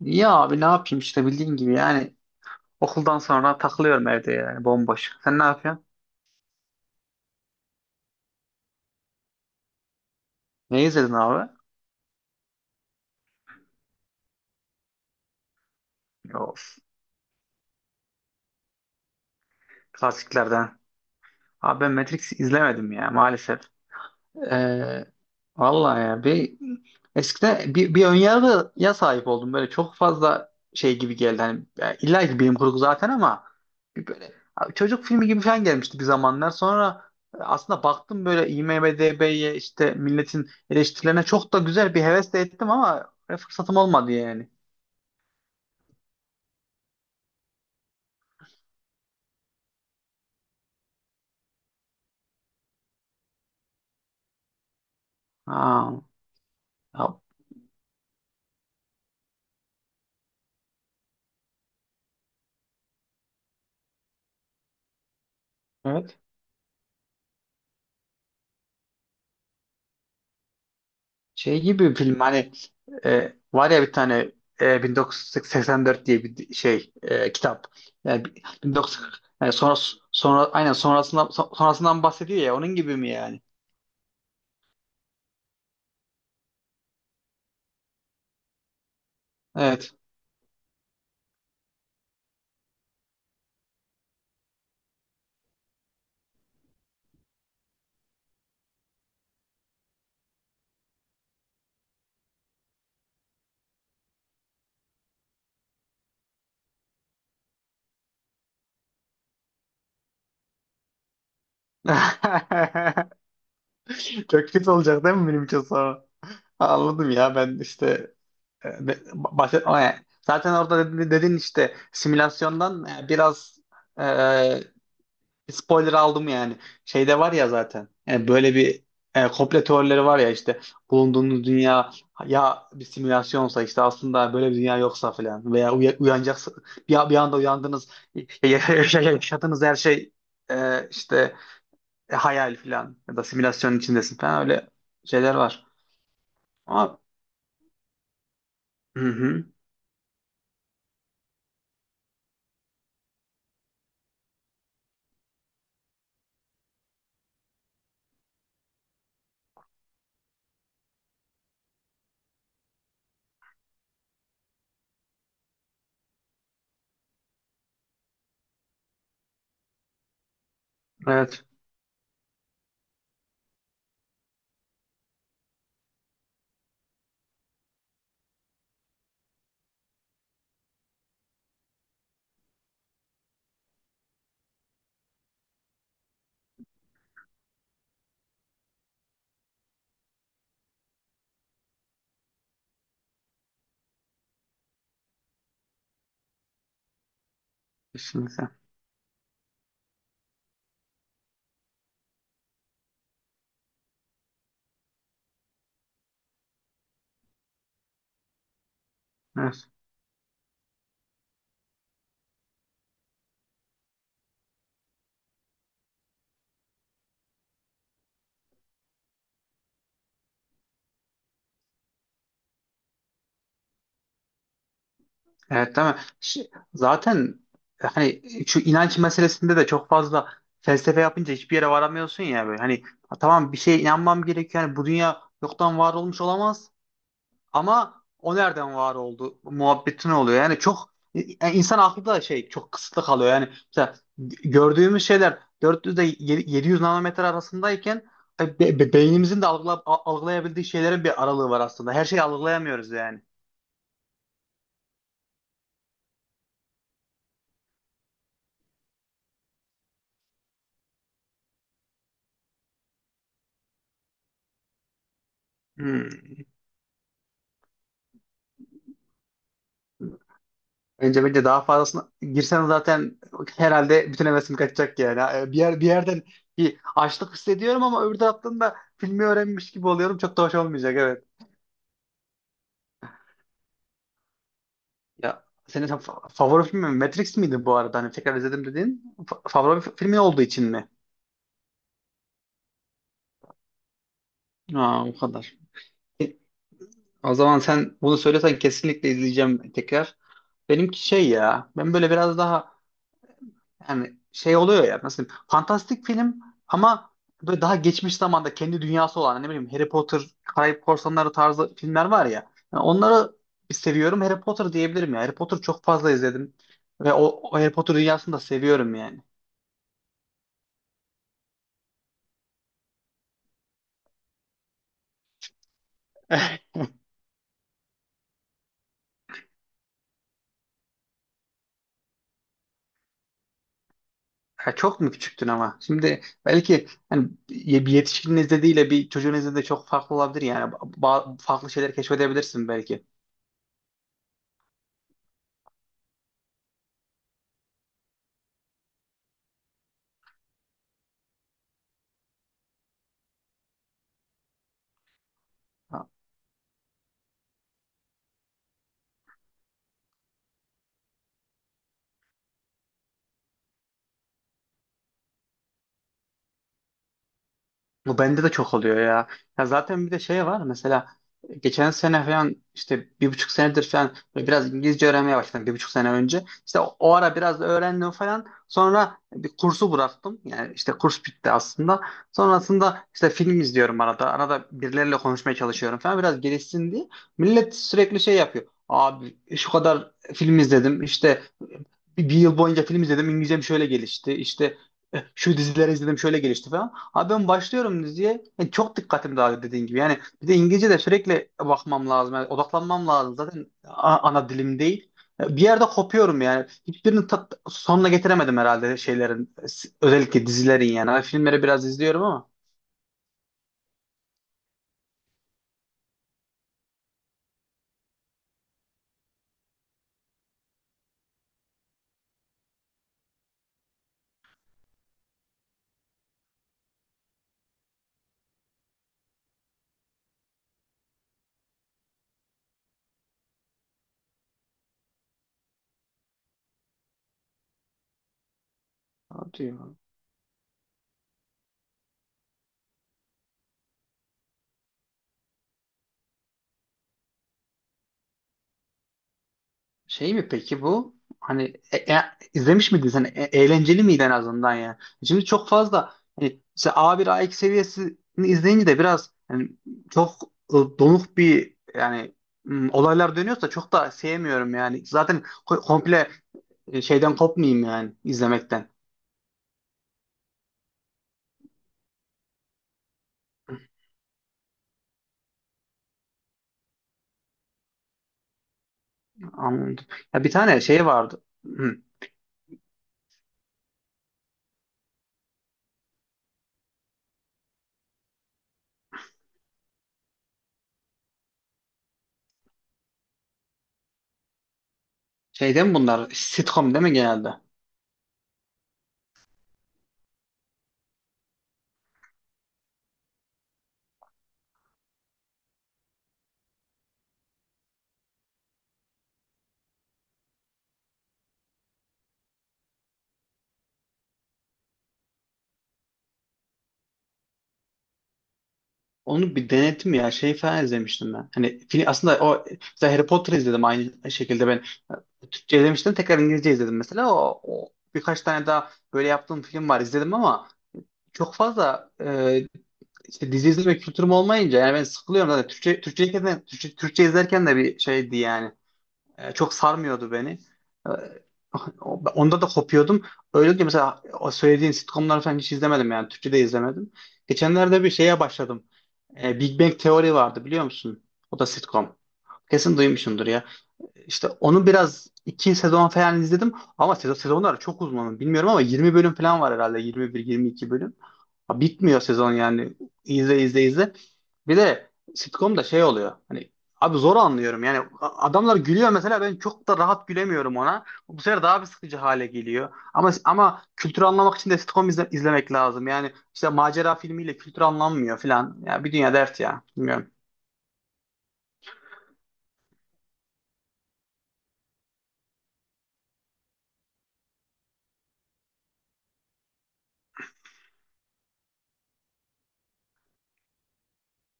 İyi abi ne yapayım işte bildiğin gibi yani okuldan sonra takılıyorum evde yani bomboş. Sen ne yapıyorsun? Ne izledin abi? Of, klasiklerden. Abi ben Matrix izlemedim ya maalesef. Ee, vallahi ya eskiden bir önyargıya sahip oldum. Böyle çok fazla şey gibi geldi. Hani ya illa ki bilim kurgu zaten ama bir böyle abi çocuk filmi gibi falan gelmişti bir zamanlar. Sonra aslında baktım böyle IMDb'ye işte milletin eleştirilerine çok da güzel bir hevesle ettim ama fırsatım olmadı yani. Ha, ya, şey gibi bir film hani, var ya bir tane 1984 diye bir şey kitap. Yani 1940, yani sonra aynen sonrasından sonrasından bahsediyor ya, onun gibi mi yani? Evet. Çok kötü olacak değil mi benim için sonra? Anladım ya, ben işte, o yani. Zaten orada dedin işte simülasyondan biraz, e, Bir spoiler aldım yani. Şeyde var ya zaten. Yani böyle bir, komplo teorileri var ya, işte bulunduğunuz dünya ya bir simülasyonsa, işte aslında böyle bir dünya yoksa falan, veya uyanacaksın, bir anda uyandınız, e, ya- ya- yaşadığınız her şey işte hayal falan ya da simülasyonun içindesin falan, öyle şeyler var. Ama hı hı, evet kesinlikle. Evet. Evet değil mi? Zaten hani şu inanç meselesinde de çok fazla felsefe yapınca hiçbir yere varamıyorsun ya böyle. Hani "Ha, tamam, bir şeye inanmam gerekiyor. Yani bu dünya yoktan var olmuş olamaz ama o nereden var oldu muhabbetin oluyor." Yani çok, yani insan aklı da şey, çok kısıtlı kalıyor. Yani mesela gördüğümüz şeyler 400 ile 700 nanometre arasındayken, beynimizin de algılayabildiği şeylerin bir aralığı var aslında. Her şeyi algılayamıyoruz yani. Hmm. Bence daha fazlasına girsen zaten herhalde bütün hevesim kaçacak yani. Bir yerden bir açlık hissediyorum ama öbür taraftan da filmi öğrenmiş gibi oluyorum. Çok da hoş olmayacak, evet. Ya senin favori filmin Matrix miydi bu arada? Hani tekrar izledim dediğin favori filmin olduğu için mi? Aa, o kadar. E, O zaman sen bunu söylesen kesinlikle izleyeceğim tekrar. Benimki şey ya. Ben böyle biraz daha, yani şey oluyor ya, nasıl diyeyim, fantastik film ama böyle daha geçmiş zamanda kendi dünyası olan, ne bileyim, Harry Potter, Karayip Korsanları tarzı filmler var ya. Yani onları seviyorum. Harry Potter diyebilirim ya. Harry Potter çok fazla izledim ve o Harry Potter dünyasını da seviyorum yani. Ya çok mu küçüktün ama? Şimdi belki hani bir yetişkinin izlediğiyle bir çocuğun izlediği de çok farklı olabilir yani. Farklı şeyler keşfedebilirsin belki. Bu bende de çok oluyor ya. Ya zaten bir de şey var mesela, geçen sene falan, işte bir buçuk senedir falan böyle biraz İngilizce öğrenmeye başladım, bir buçuk sene önce. İşte o ara biraz da öğrendim falan. Sonra bir kursu bıraktım. Yani işte kurs bitti aslında. Sonrasında işte film izliyorum arada. Arada birileriyle konuşmaya çalışıyorum falan, biraz gelişsin diye. Millet sürekli şey yapıyor. Abi şu kadar film izledim işte, bir yıl boyunca film izledim. İngilizcem şöyle gelişti. İşte şu dizileri izledim, şöyle gelişti falan. Abi ben başlıyorum diziye. Yani çok dikkatim dağıldı dediğin gibi. Yani bir de İngilizce de sürekli bakmam lazım. Yani odaklanmam lazım. Zaten ana dilim değil. Bir yerde kopuyorum yani. Hiçbirini sonuna getiremedim herhalde şeylerin. Özellikle dizilerin yani. Hani filmleri biraz izliyorum ama. Hadi ya. Şey mi peki bu? Hani izlemiş miydin sen? Eğlenceli miydi en azından ya? Şimdi çok fazla hani, mesela A1 A2 seviyesini izleyince de biraz hani çok donuk bir, yani, olaylar dönüyorsa çok da sevmiyorum yani. Zaten komple şeyden kopmayayım yani izlemekten. Anladım. Ya bir tane şey vardı. Hı. Şeyden bunlar sitcom değil mi genelde? Onu bir denedim ya, şey falan izlemiştim ben. Hani film, aslında o, mesela Harry Potter izledim aynı şekilde, Türkçe izlemiştim, tekrar İngilizce izledim mesela. O birkaç tane daha böyle yaptığım film var, izledim ama çok fazla, işte dizi izleme kültürüm olmayınca yani ben sıkılıyorum zaten. Türkçe, Türkçe izlerken de bir şeydi yani. Çok sarmıyordu beni. E, onda da kopuyordum. Öyle olunca mesela, o söylediğin sitcomları falan hiç izlemedim yani. Türkçe de izlemedim. Geçenlerde bir şeye başladım. Big Bang Theory vardı, biliyor musun? O da sitcom. Kesin duymuşsundur ya. İşte onu biraz iki sezon falan izledim ama sezonlar çok uzun bilmiyorum ama 20 bölüm falan var herhalde, 21-22 bölüm. Ha, bitmiyor sezon yani, izle izle izle. Bir de sitcom'da şey oluyor hani, abi zor anlıyorum yani, adamlar gülüyor mesela, ben çok da rahat gülemiyorum ona. Bu sefer daha bir sıkıcı hale geliyor ama kültürü anlamak için de sitcom izlemek lazım yani, işte macera filmiyle kültür anlanmıyor falan ya, bir dünya dert ya, bilmiyorum.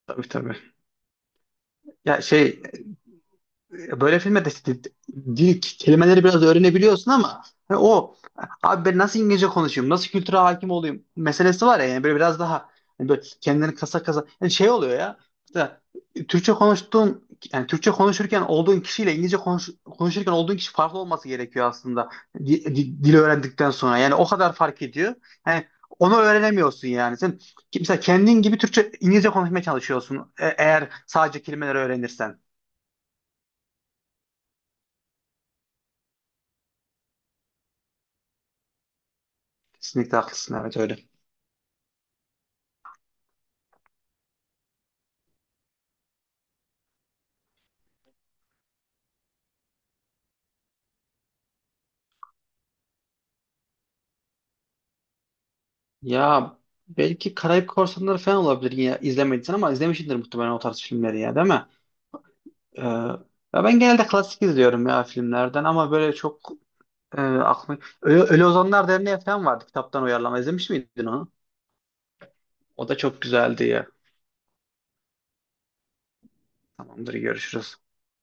Tabii tabii. Ya şey, böyle filmde de işte dil kelimeleri biraz öğrenebiliyorsun ama hani o, abi ben nasıl İngilizce konuşayım, nasıl kültüre hakim olayım meselesi var ya. Yani böyle biraz daha, hani böyle kendini kasa kasa, yani şey oluyor ya, mesela Türkçe konuştuğun, yani Türkçe konuşurken olduğun kişiyle İngilizce konuşurken olduğun kişi farklı olması gerekiyor aslında, dil öğrendikten sonra yani, o kadar fark ediyor. Yani onu öğrenemiyorsun yani. Sen mesela kendin gibi Türkçe İngilizce konuşmaya çalışıyorsun, eğer sadece kelimeleri öğrenirsen. Kesinlikle haklısın, evet, öyle. Ya belki Karayip Korsanları falan olabilir, yine izlemediysen, ama izlemişsindir muhtemelen o tarz filmleri ya, değil mi? Ee, ya ben genelde klasik izliyorum ya filmlerden, ama böyle çok aklım... Ölü Ozanlar Derneği falan vardı, kitaptan uyarlama, izlemiş miydin onu? O da çok güzeldi ya. Tamamdır, görüşürüz.